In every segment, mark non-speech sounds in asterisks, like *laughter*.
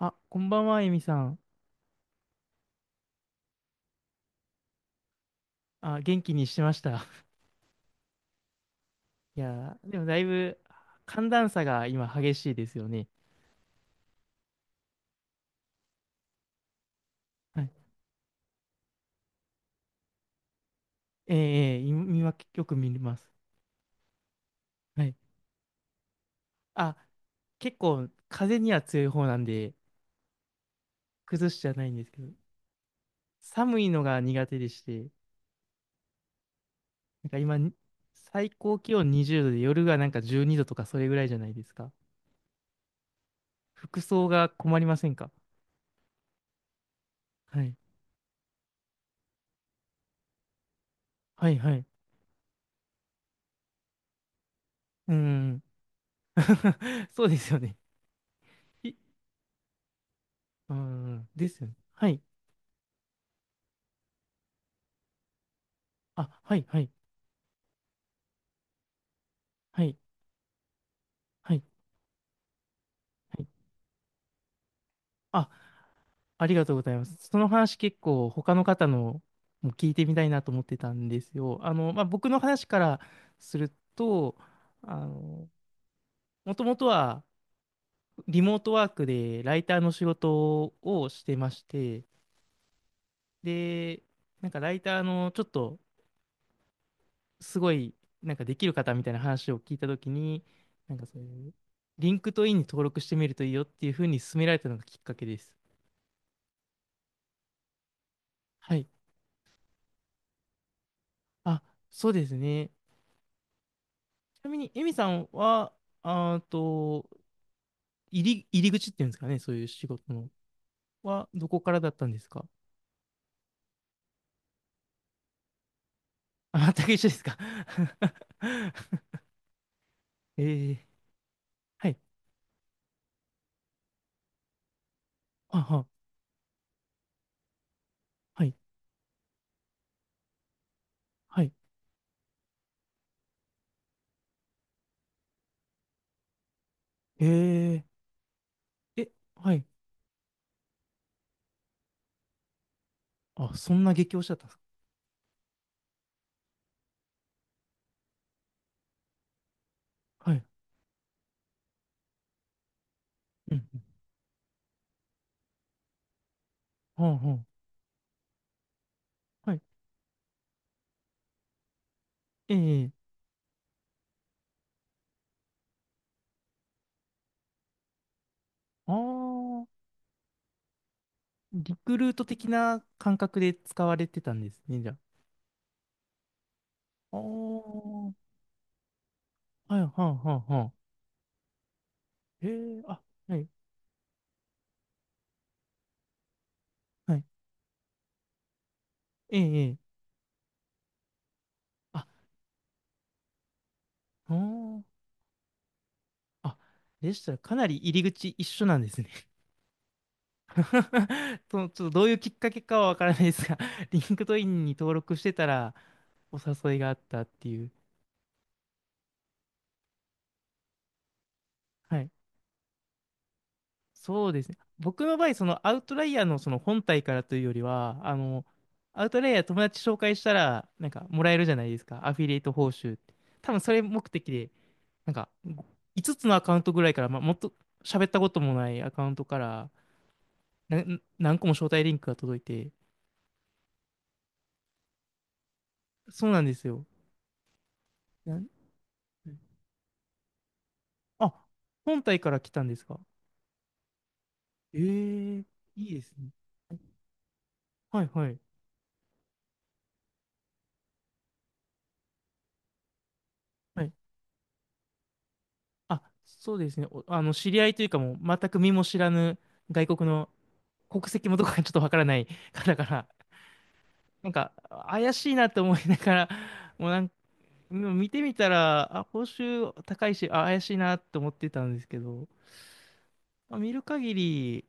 あ、こんばんは、エミさん。あ、元気にしてました。*laughs* いやー、でもだいぶ寒暖差が今激しいですよね。はい。ええ、今よく見ます。はい。あ、結構風には強い方なんで、崩しじゃないんですけど、寒いのが苦手でして、なんか今に、最高気温20度で夜がなんか12度とかそれぐらいじゃないですか。服装が困りませんか？はい。はいはい。うーん。*laughs* そうですよね。い、うーん。ですよね。はい。あ、はい、はい、はい、はい、はい。あ、ありがとうございます。その話結構他の方のも聞いてみたいなと思ってたんですよ。まあ、僕の話からすると、あの、もともとはリモートワークでライターの仕事をしてまして、で、なんかライターのちょっとすごい、なんかできる方みたいな話を聞いたときに、なんかそういう、リンクトインに登録してみるといいよっていうふうに勧められたのがきっかけです。はい。あ、そうですね。ちなみに、エミさんは、あーと、入り口っていうんですかね、そういう仕事の。は、どこからだったんですか？ *laughs* あ、全く一緒ですか？ *laughs* えー、はい。あは、はい、はい。えー、え、はい。あ、そんな激推しだったんですか？はい。うん、うん。はあ、はあ、はい。えー、あー、リクルート的な感覚で使われてたんですね、じゃあ。あー、はい、はあ、はあ、はあ。えー、あ、はい。はい。ええ、ええ。あ、おー。あ、でしたらかなり入り口一緒なんですね。*laughs* と、ちょっとどういうきっかけかはわからないですが、*laughs* リンクトインに登録してたらお誘いがあったっていう。はい。そうですね。僕の場合、そのアウトライヤーのその本体からというよりは、アウトライヤー友達紹介したら、なんかもらえるじゃないですか。アフィリエイト報酬って。多分それ目的で、なんか5つつのアカウントぐらいから、まあ、もっと喋ったこともないアカウントから、な、何個も招待リンクが届いて、そうなんですよ。なん、あ、本体から来たんですか？ええ。いいですね。はいはい。はい。あ、そうですね。お知り合いというかもう、全く身も知らぬ外国の *laughs* 国籍もどこかちょっとわからない *laughs* 方から、なんか、怪しいなと思いながら、もうなんか、もう見てみたら、あ、報酬高いし、あ、怪しいなと思ってたんですけど、まあ見る限り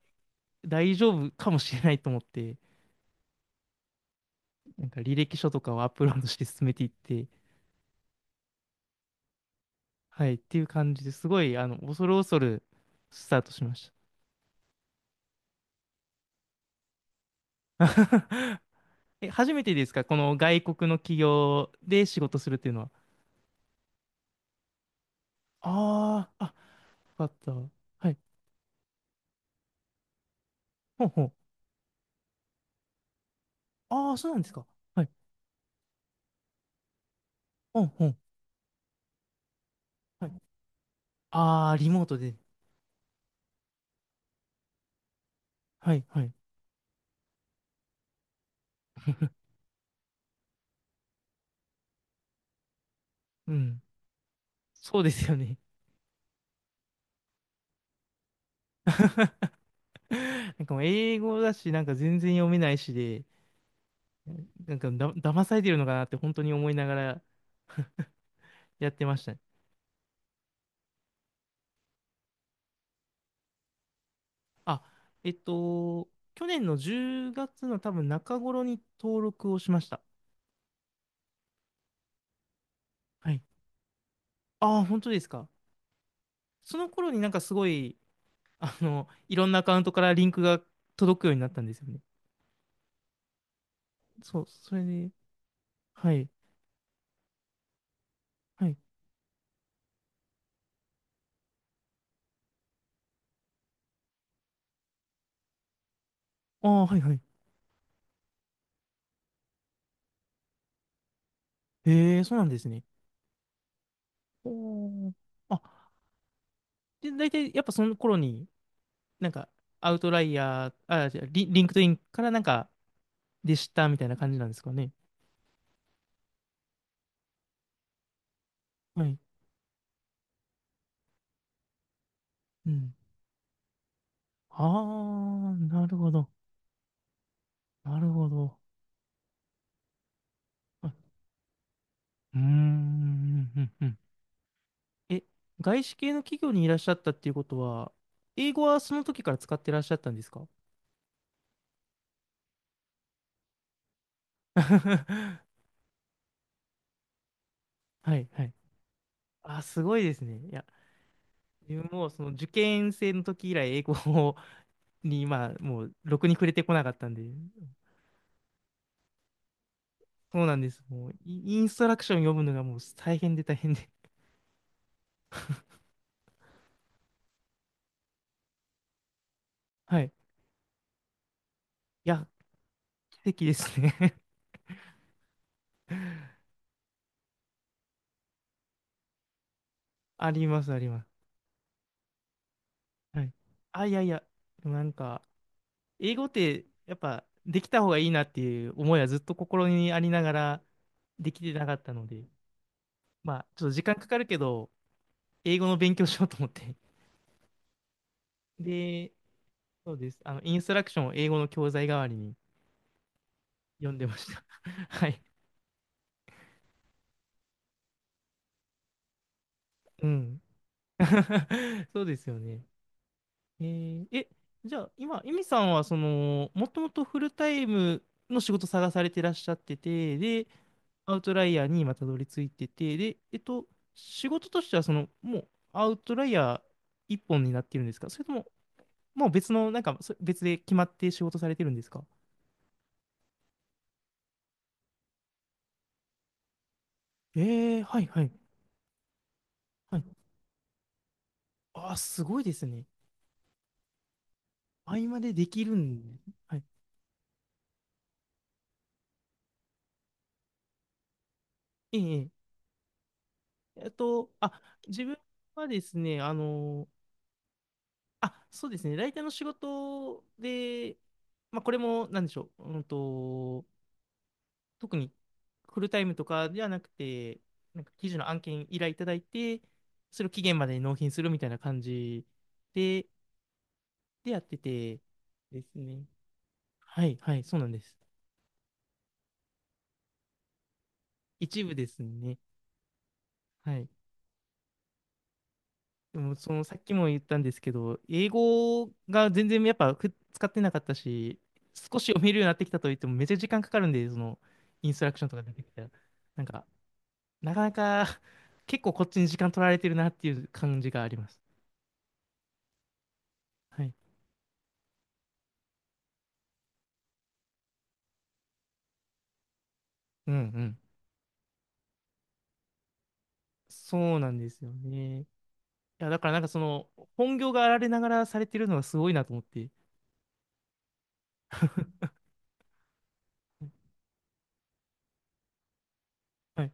大丈夫かもしれないと思って、なんか履歴書とかをアップロードして進めていって、*laughs* はい、っていう感じですごい、恐る恐るスタートしました。*laughs* え、初めてですか？この外国の企業で仕事するっていうのは。ああ、あ、よかった。はい。ほんほん。ああ、そうなんですか。はい。ほんほん。はい。ああ、リモートで。はい、はい。*laughs* うん。そうですよね。*laughs* なんかもう英語だし、なんか全然読めないしで、なんか騙されてるのかなって本当に思いながら *laughs* やってましたね。あ、えっと、去年の10月の多分中頃に登録をしました。はい。ああ、本当ですか。その頃になんかすごい、いろんなアカウントからリンクが届くようになったんですよね。そう、それで、はい、はい。ああ、はい、はい。へえ、そうなんですね。おー。あ、で、大体やっぱその頃に、なんか、アウトライヤー、あ、じゃあリンクトインからなんか、でしたみたいな感じなんですかね。はい。うん。ああ、なるほど。なるほど。はい。うーん、うん、うん。え、外資系の企業にいらっしゃったっていうことは、英語はその時から使ってらっしゃったんですか？ *laughs* はい、はい。あ、すごいですね。いや、自分もその受験生の時以来英語を *laughs* に今、もう、ろくに触れてこなかったんで、そうなんです。もう、イインストラクション読むのがもう大変で大変で。はい。いや、奇跡ですね。 *laughs* あります、あります。はい。あ、いやいや、でもなんか、英語ってやっぱできた方がいいなっていう思いはずっと心にありながらできてなかったので、まあちょっと時間かかるけど、英語の勉強しようと思って。で、そうです。インストラクションを英語の教材代わりに読んでました。*laughs* はい。うん。*laughs* そうですよね。えーえ、じゃあ今、エミさんはその、もともとフルタイムの仕事探されてらっしゃってて、で、アウトライヤーに今たどり着いてて、で、えっと、仕事としては、その、もうアウトライヤー一本になっているんですか？それとも、もう別の、なんか、そ別で決まって仕事されてるんですか？ええ。はいはい。はい。ああ、すごいですね。合間でできるん。はい。ええええ。えっと、あ、自分はですね、あの、あ、そうですね、ライターの仕事で、まあ、これも、なんでしょう、うんと、特にフルタイムとかではなくて、なんか記事の案件依頼いただいて、それを期限までに納品するみたいな感じで、でやっててですね。はい、はい、そうなんです。一部ですね。はい。でも、その、さっきも言ったんですけど、英語が全然やっぱ使ってなかったし、少し読めるようになってきたといっても、めっちゃ時間かかるんで、その、インストラクションとか出てきたら、なんか、なかなか、結構こっちに時間取られてるなっていう感じがあります。はい。うんうん。そうなんですよね。いや、だからなんかその、本業があられながらされてるのがすごいなと思って。はい。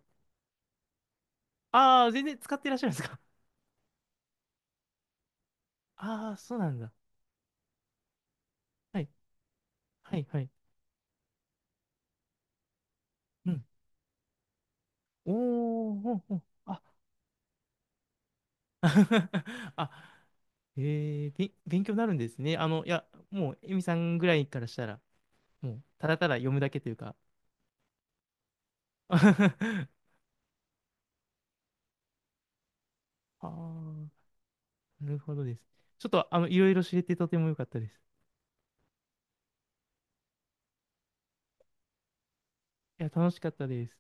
ああ、全然使ってらっしゃるんですか。あ *laughs* あー、そうなんだ。はい。はい、はい。うん。おー、ほんほん。あ、*laughs* あ、えー、勉強になるんですね。いや、もう、エミさんぐらいからしたら、もう、ただただ読むだけというか。*laughs* ああ、なるほどです。ちょっと、いろいろ知れてとても良かったです。いや、楽しかったです。